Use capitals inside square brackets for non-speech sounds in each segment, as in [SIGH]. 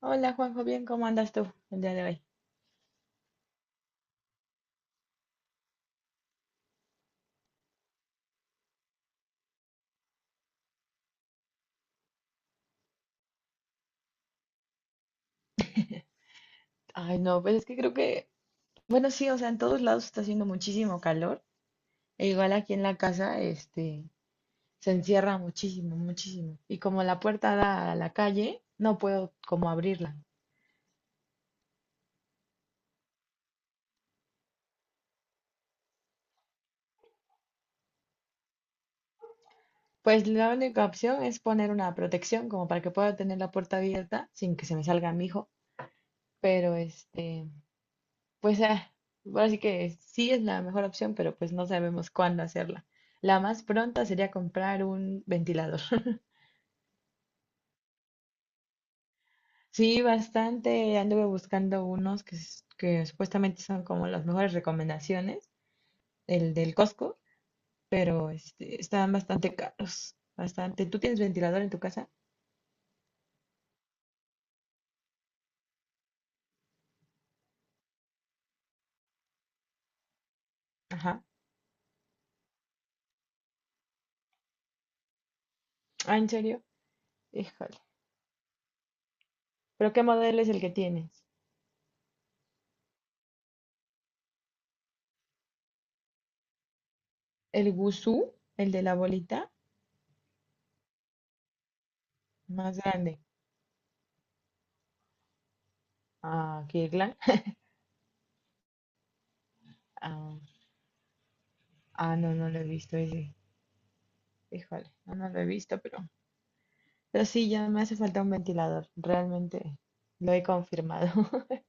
Hola Juanjo, bien, ¿cómo andas tú el día de hoy? Ay, no, pues es que creo que, bueno, sí, o sea, en todos lados está haciendo muchísimo calor, e igual aquí en la casa, se encierra muchísimo, muchísimo. Y como la puerta da a la calle, no puedo como abrirla. Pues la única opción es poner una protección como para que pueda tener la puerta abierta sin que se me salga mi hijo, pero pues ah, ahora sí que sí es la mejor opción, pero pues no sabemos cuándo hacerla. La más pronta sería comprar un ventilador. Sí, bastante. Anduve buscando unos que supuestamente son como las mejores recomendaciones, el del Costco, pero están bastante caros, bastante. ¿Tú tienes ventilador en tu casa? Ajá. Ah, ¿en serio? Híjole. ¿Pero qué modelo es el que tienes? ¿El Guzú? ¿El de la bolita? Más grande. Ah, Kirkland. [LAUGHS] Ah, ah, no, no lo he visto ese. Híjole, no, no lo he visto, pero... Pero sí, ya me hace falta un ventilador. Realmente lo he confirmado. [LAUGHS]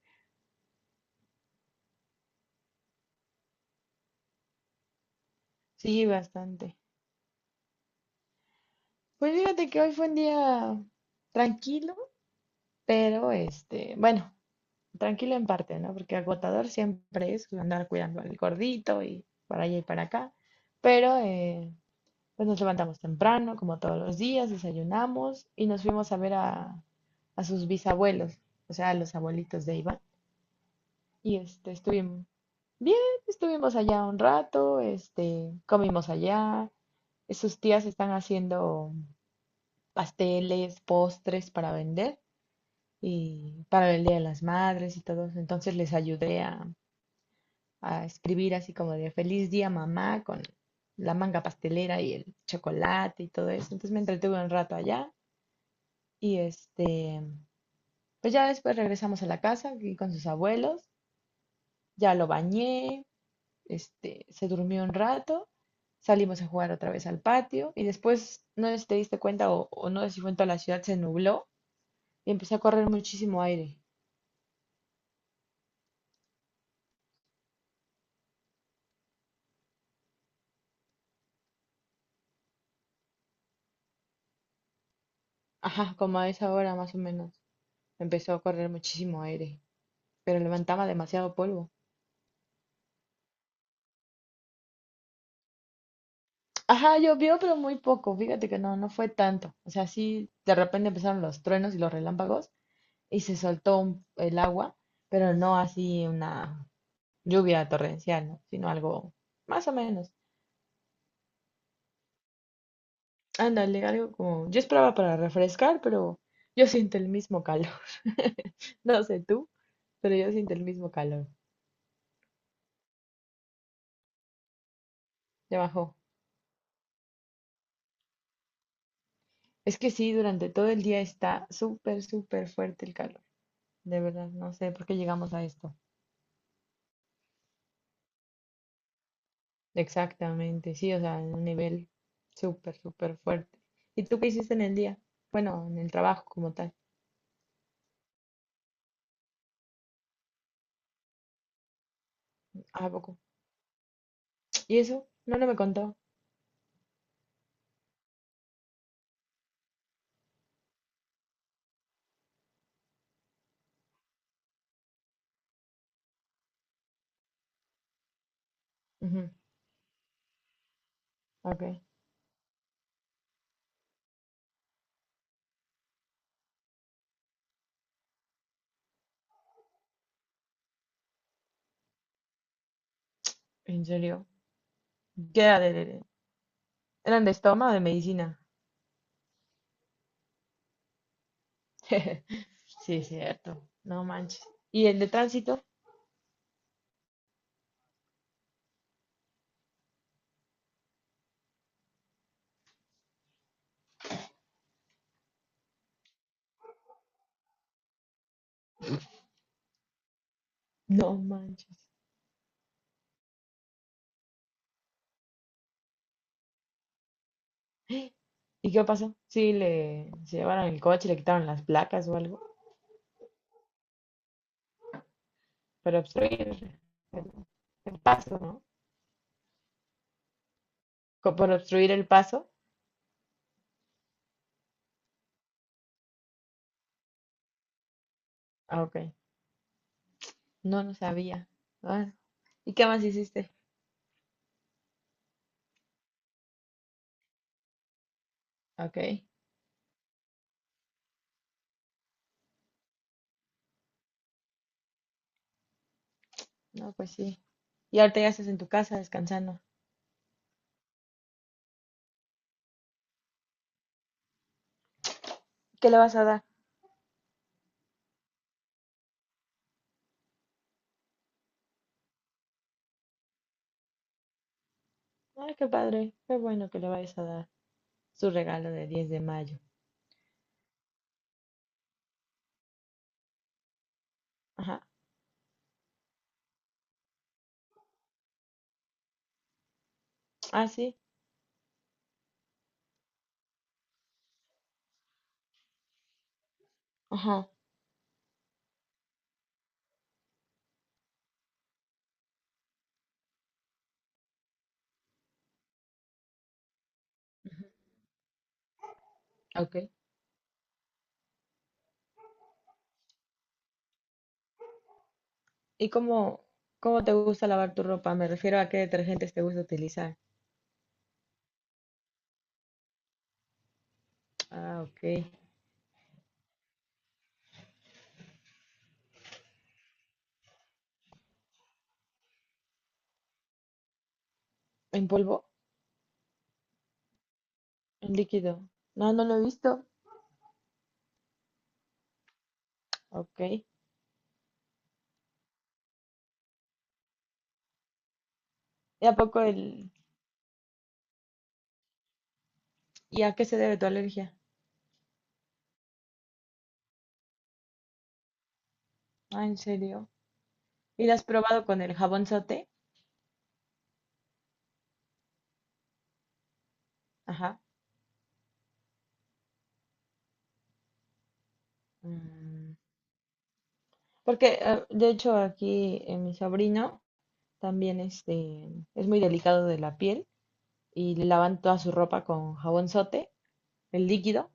Sí, bastante. Pues fíjate que hoy fue un día tranquilo, pero bueno, tranquilo en parte, ¿no? Porque agotador siempre es andar cuidando al gordito y para allá y para acá. Pero pues nos levantamos temprano, como todos los días, desayunamos y nos fuimos a ver a sus bisabuelos, o sea, a los abuelitos de Iván. Y estuvimos bien, estuvimos allá un rato, comimos allá. Sus tías están haciendo pasteles, postres para vender y para el Día de las Madres y todo. Entonces les ayudé a escribir así como de feliz día mamá con la manga pastelera y el chocolate y todo eso. Entonces me entretuve un rato allá y pues ya después regresamos a la casa aquí con sus abuelos, ya lo bañé, se durmió un rato. Salimos a jugar otra vez al patio y después, no sé si te diste cuenta o no sé si fue en toda la ciudad, se nubló y empezó a correr muchísimo aire. Ajá, como a esa hora más o menos. Empezó a correr muchísimo aire, pero levantaba demasiado polvo. Ajá, llovió, pero muy poco. Fíjate que no, no fue tanto. O sea, sí, de repente empezaron los truenos y los relámpagos y se soltó el agua, pero no así una lluvia torrencial, ¿no? Sino algo más o menos. Ándale, algo como... Yo esperaba para refrescar, pero yo siento el mismo calor. [LAUGHS] No sé tú, pero yo siento el mismo calor. Ya bajó. Es que sí, durante todo el día está súper, súper fuerte el calor. De verdad, no sé por qué llegamos a esto. Exactamente, sí, o sea, en un nivel súper, súper fuerte. ¿Y tú qué hiciste en el día? Bueno, en el trabajo como tal. ¿A poco? ¿Y eso? No, no me contó. Ujú, ok, ¿en serio? ¿Qué era eran de estómago o de medicina? [LAUGHS] Sí, es cierto, no manches. ¿Y el de tránsito? No manches. ¿Y qué pasó? Sí, le se llevaron el coche, le quitaron las placas o algo. Para obstruir el paso, ¿no? Por obstruir el paso. Ah, ok. No, no sabía. Ah, ¿y qué más hiciste? Ok. No, pues sí. Y ahorita ya estás en tu casa descansando. ¿Qué le vas a dar? Ay, qué padre. Qué bueno que le vayas a dar su regalo de 10 de mayo. Ajá. Ah, sí. Ajá. Ok. ¿Y cómo, cómo te gusta lavar tu ropa? Me refiero a qué detergentes te gusta utilizar. Ah, ok. ¿En polvo? En líquido. No, no lo he visto. Ok. ¿Y a poco el... ¿Y a qué se debe tu alergia? Ah, ¿en serio? ¿Y la has probado con el jabón? Ajá. Mm, porque, de hecho, aquí mi sobrino también es muy delicado de la piel y le lavan toda su ropa con jabón sote, el líquido,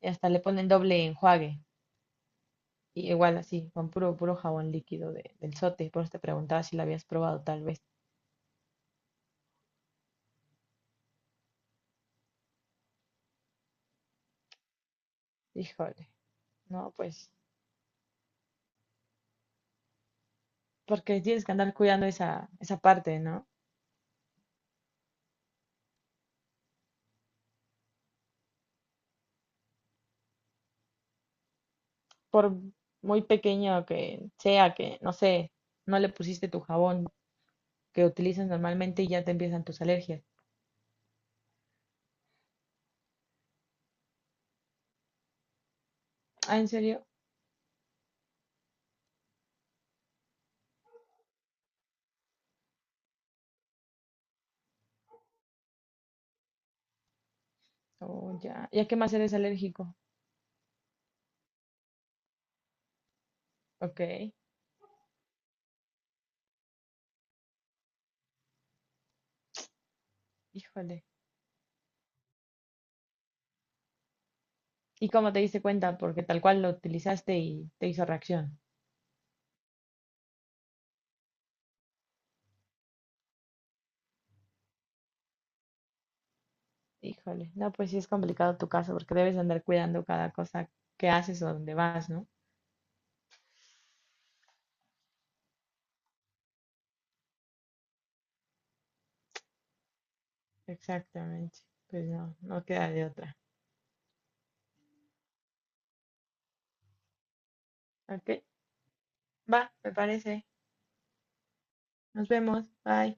y hasta le ponen doble enjuague. Y igual así, con puro, puro jabón líquido del sote. Por eso te preguntaba si lo habías probado, tal vez. Híjole, no, pues, porque tienes que andar cuidando esa, esa parte, ¿no? Por muy pequeño que sea, que, no sé, no le pusiste tu jabón que utilizas normalmente y ya te empiezan tus alergias. Ah, ¿en serio? Oh, ya. ¿Y a qué más eres alérgico? Ok, híjole. ¿Y cómo te diste cuenta? Porque tal cual lo utilizaste y te hizo reacción. Híjole, no, pues sí es complicado tu caso porque debes andar cuidando cada cosa que haces o dónde vas, ¿no? Exactamente. Pues no, no queda de otra. Ok, va, me parece. Nos vemos. Bye.